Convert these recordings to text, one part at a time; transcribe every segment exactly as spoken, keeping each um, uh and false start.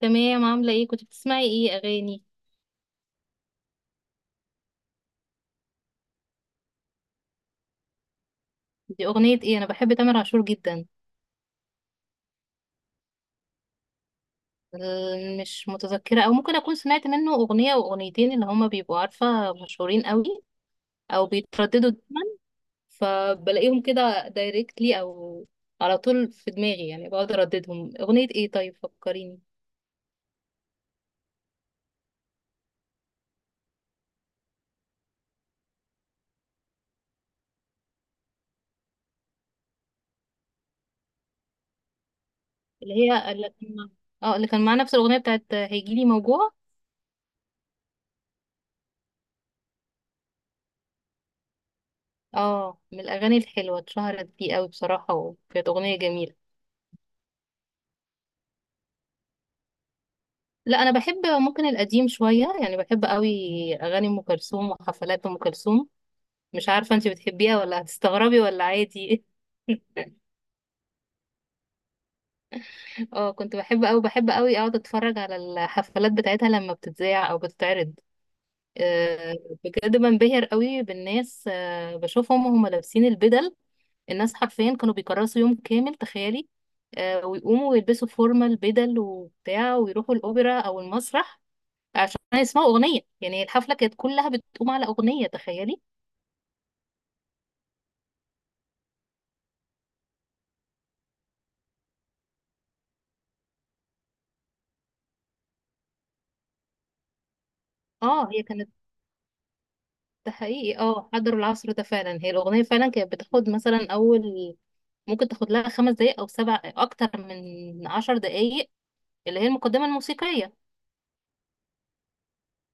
تمام، عاملة ايه؟ كنت بتسمعي ايه اغاني؟ دي اغنية ايه؟ انا بحب تامر عاشور جدا. ال- مش متذكرة، او ممكن اكون سمعت منه اغنية او اغنيتين اللي هما بيبقوا عارفة مشهورين قوي او بيترددوا دايما، فبلاقيهم كده دايركتلي او على طول في دماغي، يعني بقعد ارددهم. اغنية ايه؟ طيب فكريني. اللي هي اللي كان مع- اه اللي كان مع نفس الاغنية بتاعت هيجيلي موجوع؟ اه، من الاغاني الحلوة، اتشهرت دي قوي بصراحة وكانت اغنية جميلة. لا، انا بحب ممكن القديم شويه، يعني بحب قوي اغاني ام كلثوم وحفلات ام كلثوم. مش عارفه انت بتحبيها ولا هتستغربي ولا عادي؟ اه، كنت بحب قوي، بحب قوي اقعد اتفرج على الحفلات بتاعتها لما بتتذاع او بتتعرض. آه، بجد بنبهر قوي بالناس، آه، بشوفهم وهم لابسين البدل. الناس حرفيا كانوا بيكرسوا يوم كامل، تخيلي، آه، ويقوموا ويلبسوا فورمال بدل وبتاع ويروحوا الاوبرا او المسرح عشان يسمعوا اغنيه. يعني الحفله كانت كلها بتقوم على اغنيه، تخيلي. اه هي كانت، ده حقيقي، اه حضروا العصر ده فعلا. هي الاغنيه فعلا كانت بتاخد مثلا اول، ممكن تاخد لها خمس دقايق او سبع، اكتر من عشر دقايق، اللي هي المقدمه الموسيقيه.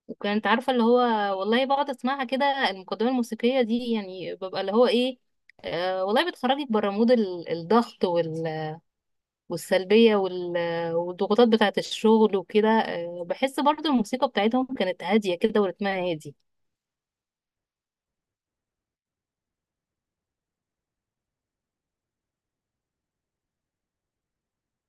وكانت عارفه اللي هو، والله بقعد اسمعها كده، المقدمه الموسيقيه دي، يعني ببقى اللي هو ايه، آه والله بتخرجك بره مود ال- الضغط والسلبية وال... والضغوطات بتاعة الشغل وكده. آه، بحس برضو الموسيقى بتاعتهم كانت هادية كده ورتمها هادي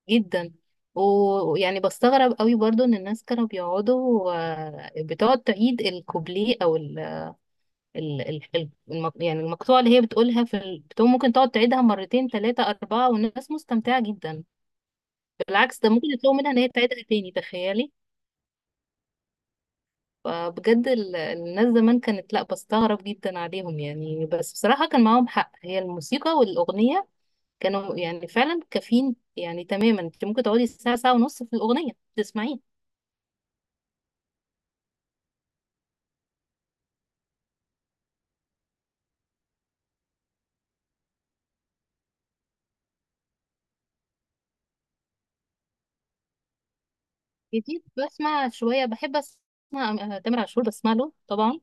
جدا. و- ويعني بستغرب قوي برضو ان الناس كانوا بيقعدوا، آه، بتقعد تعيد الكوبليه او ال... ال... ال... ال- الم- يعني المقطوعة اللي هي بتقولها في ال... بتقوم ممكن تقعد تعيدها مرتين ثلاثة أربعة والناس مستمتعة جدا. بالعكس، ده ممكن يطلبوا منها ان هي تعيدها تاني، تخيلي. فبجد ال- الناس زمان كانت، لا، بستغرب جدا عليهم يعني، بس بصراحة كان معاهم حق، هي الموسيقى والأغنية كانوا يعني فعلا كافيين. يعني تماما انت ممكن تقعدي ساعة ساعة ونص في الأغنية تسمعيه. جديد بسمع شوية، بحب أسمع آه، تامر عاشور، بسمع له طبعا.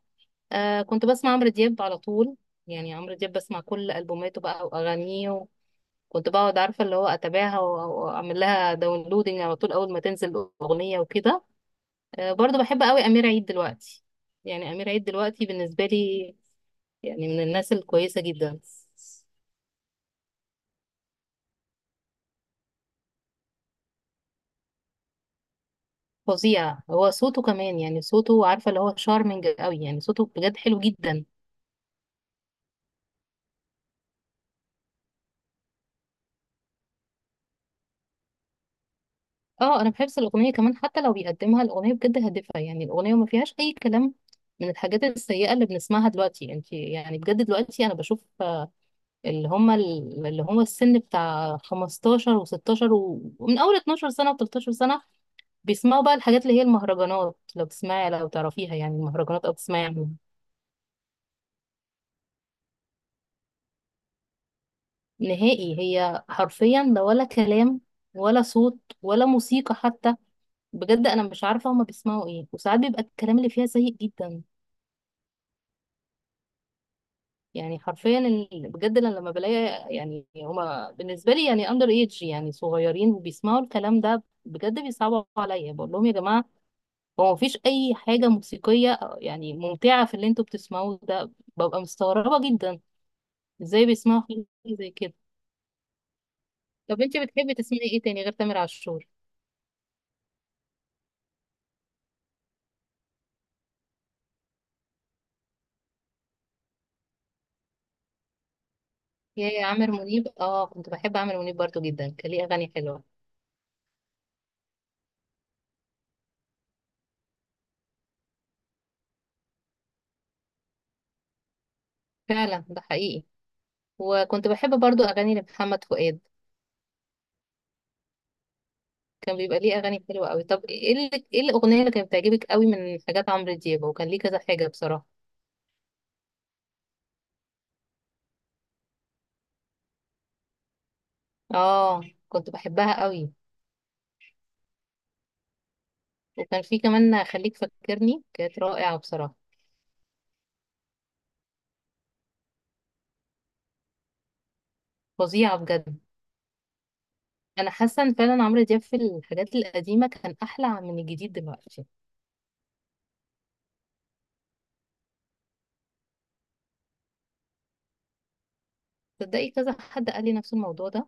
آه، كنت بسمع عمرو دياب على طول، يعني عمرو دياب بسمع كل ألبوماته بقى وأغانيه. كنت بقعد عارفة اللي هو أتابعها و- وأعمل لها داونلودنج على طول أول ما تنزل أغنية وكده. آه، برضو بحب قوي أمير عيد دلوقتي. يعني أمير عيد دلوقتي بالنسبة لي يعني من الناس الكويسة جدا. فظيع، هو صوته كمان، يعني صوته عارفة اللي هو شارمنج قوي، يعني صوته بجد حلو جدا. اه انا بحب الأغنية كمان، حتى لو بيقدمها، الأغنية بجد هادفة، يعني الأغنية ما فيهاش أي كلام من الحاجات السيئة اللي بنسمعها دلوقتي. انت يعني بجد دلوقتي أنا بشوف، آه، اللي هم ال- اللي هو السن بتاع خمستاشر و16، ومن أول 12 سنة و13 سنة بيسمعوا بقى الحاجات اللي هي المهرجانات. لو تسمعي، لو تعرفيها، يعني المهرجانات، او تسمعي عنها. نهائي، هي حرفيا ده ولا كلام ولا صوت ولا موسيقى حتى. بجد انا مش عارفه هما بيسمعوا ايه، وساعات بيبقى الكلام اللي فيها سيء جدا. يعني حرفيا ال- بجد أنا لما بلاقي، يعني هما بالنسبه لي يعني اندر ايدج، يعني صغيرين وبيسمعوا الكلام ده، بجد بيصعبوا عليا، بقول لهم يا جماعه هو مفيش اي حاجه موسيقيه يعني ممتعه في اللي انتوا بتسمعوه ده. ببقى مستغربه جدا ازاي بيسمعوا حاجة زي كده. طب انت بتحبي تسمعي ايه تاني غير تامر عاشور؟ يا يا عامر منيب، اه كنت بحب عامر منيب برضو جدا، كان ليه اغاني حلوة. فعلا ده حقيقي. وكنت بحب برضو اغاني لمحمد فؤاد، كان بيبقى ليه اغاني حلوة قوي. طب ايه اللي، ايه الاغنية اللي كانت بتعجبك قوي من حاجات عمرو دياب؟ وكان ليه كذا حاجة بصراحة. اه كنت بحبها قوي. وكان في كمان خليك فاكرني، كانت رائعة بصراحة. فظيعة بجد. انا حاسة ان فعلا عمرو دياب في الحاجات القديمة كان احلى من الجديد دلوقتي. تصدقي كذا حد قال لي نفس الموضوع ده.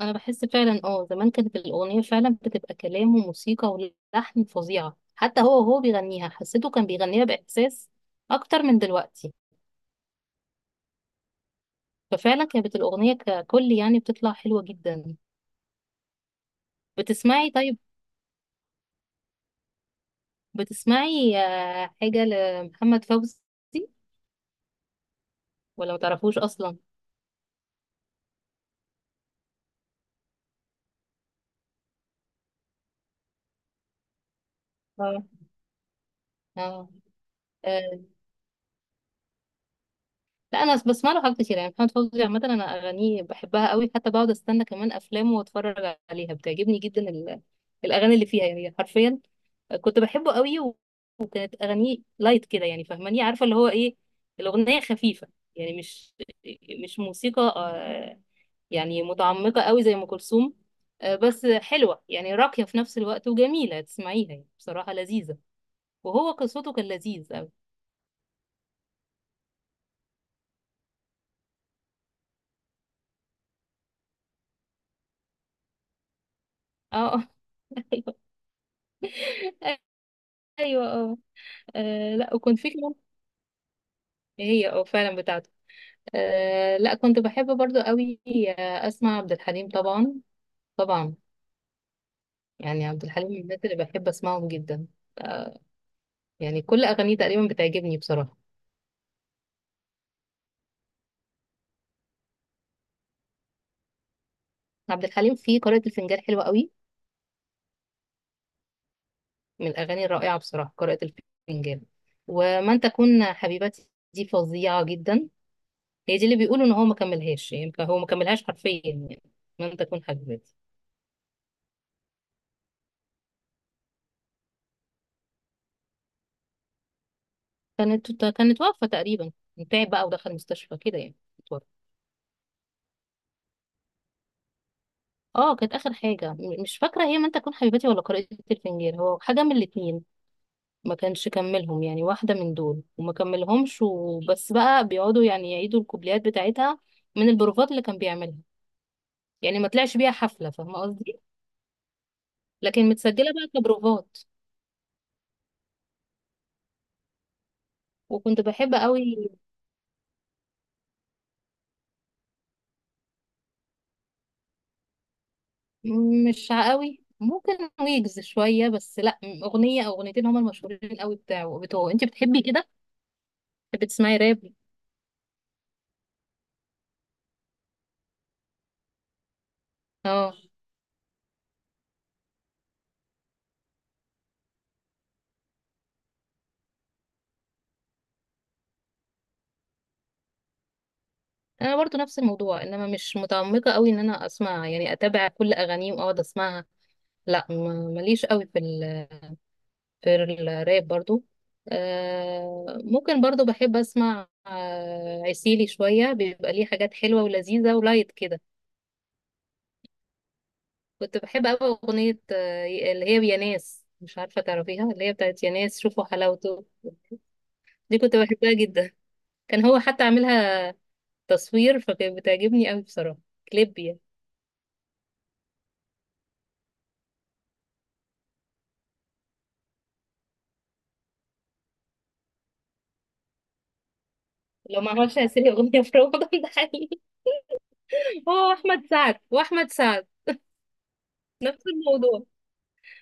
انا بحس فعلا، اه، زمان كانت الاغنيه فعلا بتبقى كلام وموسيقى ولحن فظيعه، حتى هو وهو بيغنيها حسيته كان بيغنيها باحساس اكتر من دلوقتي. ففعلا كانت الاغنيه ككل يعني بتطلع حلوه جدا. بتسمعي طيب، بتسمعي آه، حاجه لمحمد فوزي ولا ما تعرفوش اصلا؟ اه، اه، لا انا بسمع له حاجات كتير، يعني محمد فوزي عامه انا اغانيه بحبها قوي، حتى بقعد استنى كمان افلامه واتفرج عليها، بتعجبني جدا ال- الاغاني اللي فيها يعني حرفيا. كنت بحبه قوي. و- وكانت اغانيه لايت كده، يعني فاهماني، عارفه اللي هو ايه، الاغنيه خفيفه، يعني مش مش موسيقى آه، يعني متعمقه قوي زي ام كلثوم. آه، بس حلوه، يعني راقيه في نفس الوقت وجميله تسمعيها، يعني بصراحه لذيذه. وهو قصته كان لذيذ قوي. اه. ايوه اه. آه لا، وكنت في كمان، هي اه فعلا بتاعته. آه لا، كنت بحب برضو قوي آه، اسمع عبد الحليم طبعا، طبعا. يعني عبد الحليم من الناس اللي بحب اسمعهم جدا. آه، يعني كل اغانيه تقريبا بتعجبني بصراحه. عبد الحليم في قارئة الفنجان حلوه قوي، من الاغاني الرائعه بصراحه، قارئة الفنجان. ومن تكون حبيبتي دي فظيعه جدا. هي دي اللي بيقولوا ان هو ما كملهاش، يعني هو ما كملهاش حرفيا يعني، من تكون حبيبتي. كانت كانت واقفه تقريبا، تعب بقى ودخل مستشفى كده يعني. اه، كانت اخر حاجه، م- مش فاكره هي من تكون حبيبتي ولا قارئة الفنجان، هو حاجه من الاتنين ما كانش كملهم، يعني واحده من دول وما كملهمش. وبس بقى بيقعدوا يعني يعيدوا الكوبليات بتاعتها من البروفات اللي كان بيعملها، يعني ما طلعش بيها حفله، فاهمه قصدي، لكن متسجله بقى كبروفات. وكنت بحب قوي، م- مش قوي، ممكن ويجز شويه، بس لا، م- اغنيه او اغنيتين هما المشهورين قوي بتاعه، بتوعه. انت بتحبي كده، بتحبي تسمعي راب؟ اه، انا برضو نفس الموضوع، انما مش متعمقه قوي ان انا اسمع يعني اتابع كل اغانيه واقعد اسمعها. لا، ما- ماليش قوي في ال في الراب برضو. آه ممكن، برضو بحب اسمع آه عسيلي شويه، بيبقى ليه حاجات حلوه ولذيذه ولايت كده. كنت بحب قوي اغنيه آه اللي هي يا ناس، مش عارفه تعرفيها، اللي هي بتاعت يا ناس شوفوا حلاوته. دي كنت بحبها جدا. كان هو حتى عاملها تصوير، فكانت بتعجبني قوي بصراحه، كليب يعني. لو ما عملش عسيلي اغنيه في رمضان. ده حقيقي. هو احمد سعد، واحمد سعد نفس الموضوع.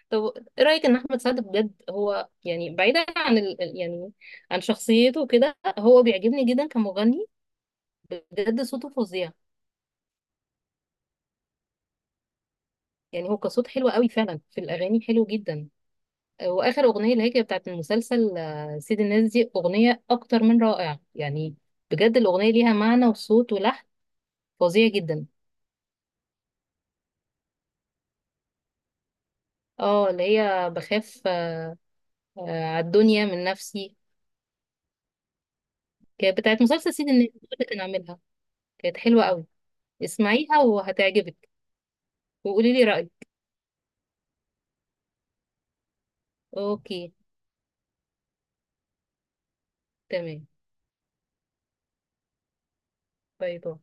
طب ايه رايك ان احمد سعد بجد هو يعني، بعيدا عن ال... ال- يعني عن شخصيته وكده، هو بيعجبني جدا كمغني، بجد صوته فظيع. يعني هو كصوت حلو قوي، فعلا في الاغاني حلو جدا. واخر اغنيه اللي هي كانت بتاعت المسلسل، آه، سيد الناس، دي اغنيه اكتر من رائعه يعني، بجد الاغنيه ليها معنى وصوت ولحن فظيع جدا. اه اللي هي بخاف، آه، آه، على الدنيا من نفسي، كانت بتاعت مسلسل سيد الناس اللي كان عاملها، كانت حلوة قوي. اسمعيها وهتعجبك، وقولي لي رأيك. اوكي، تمام. باي باي.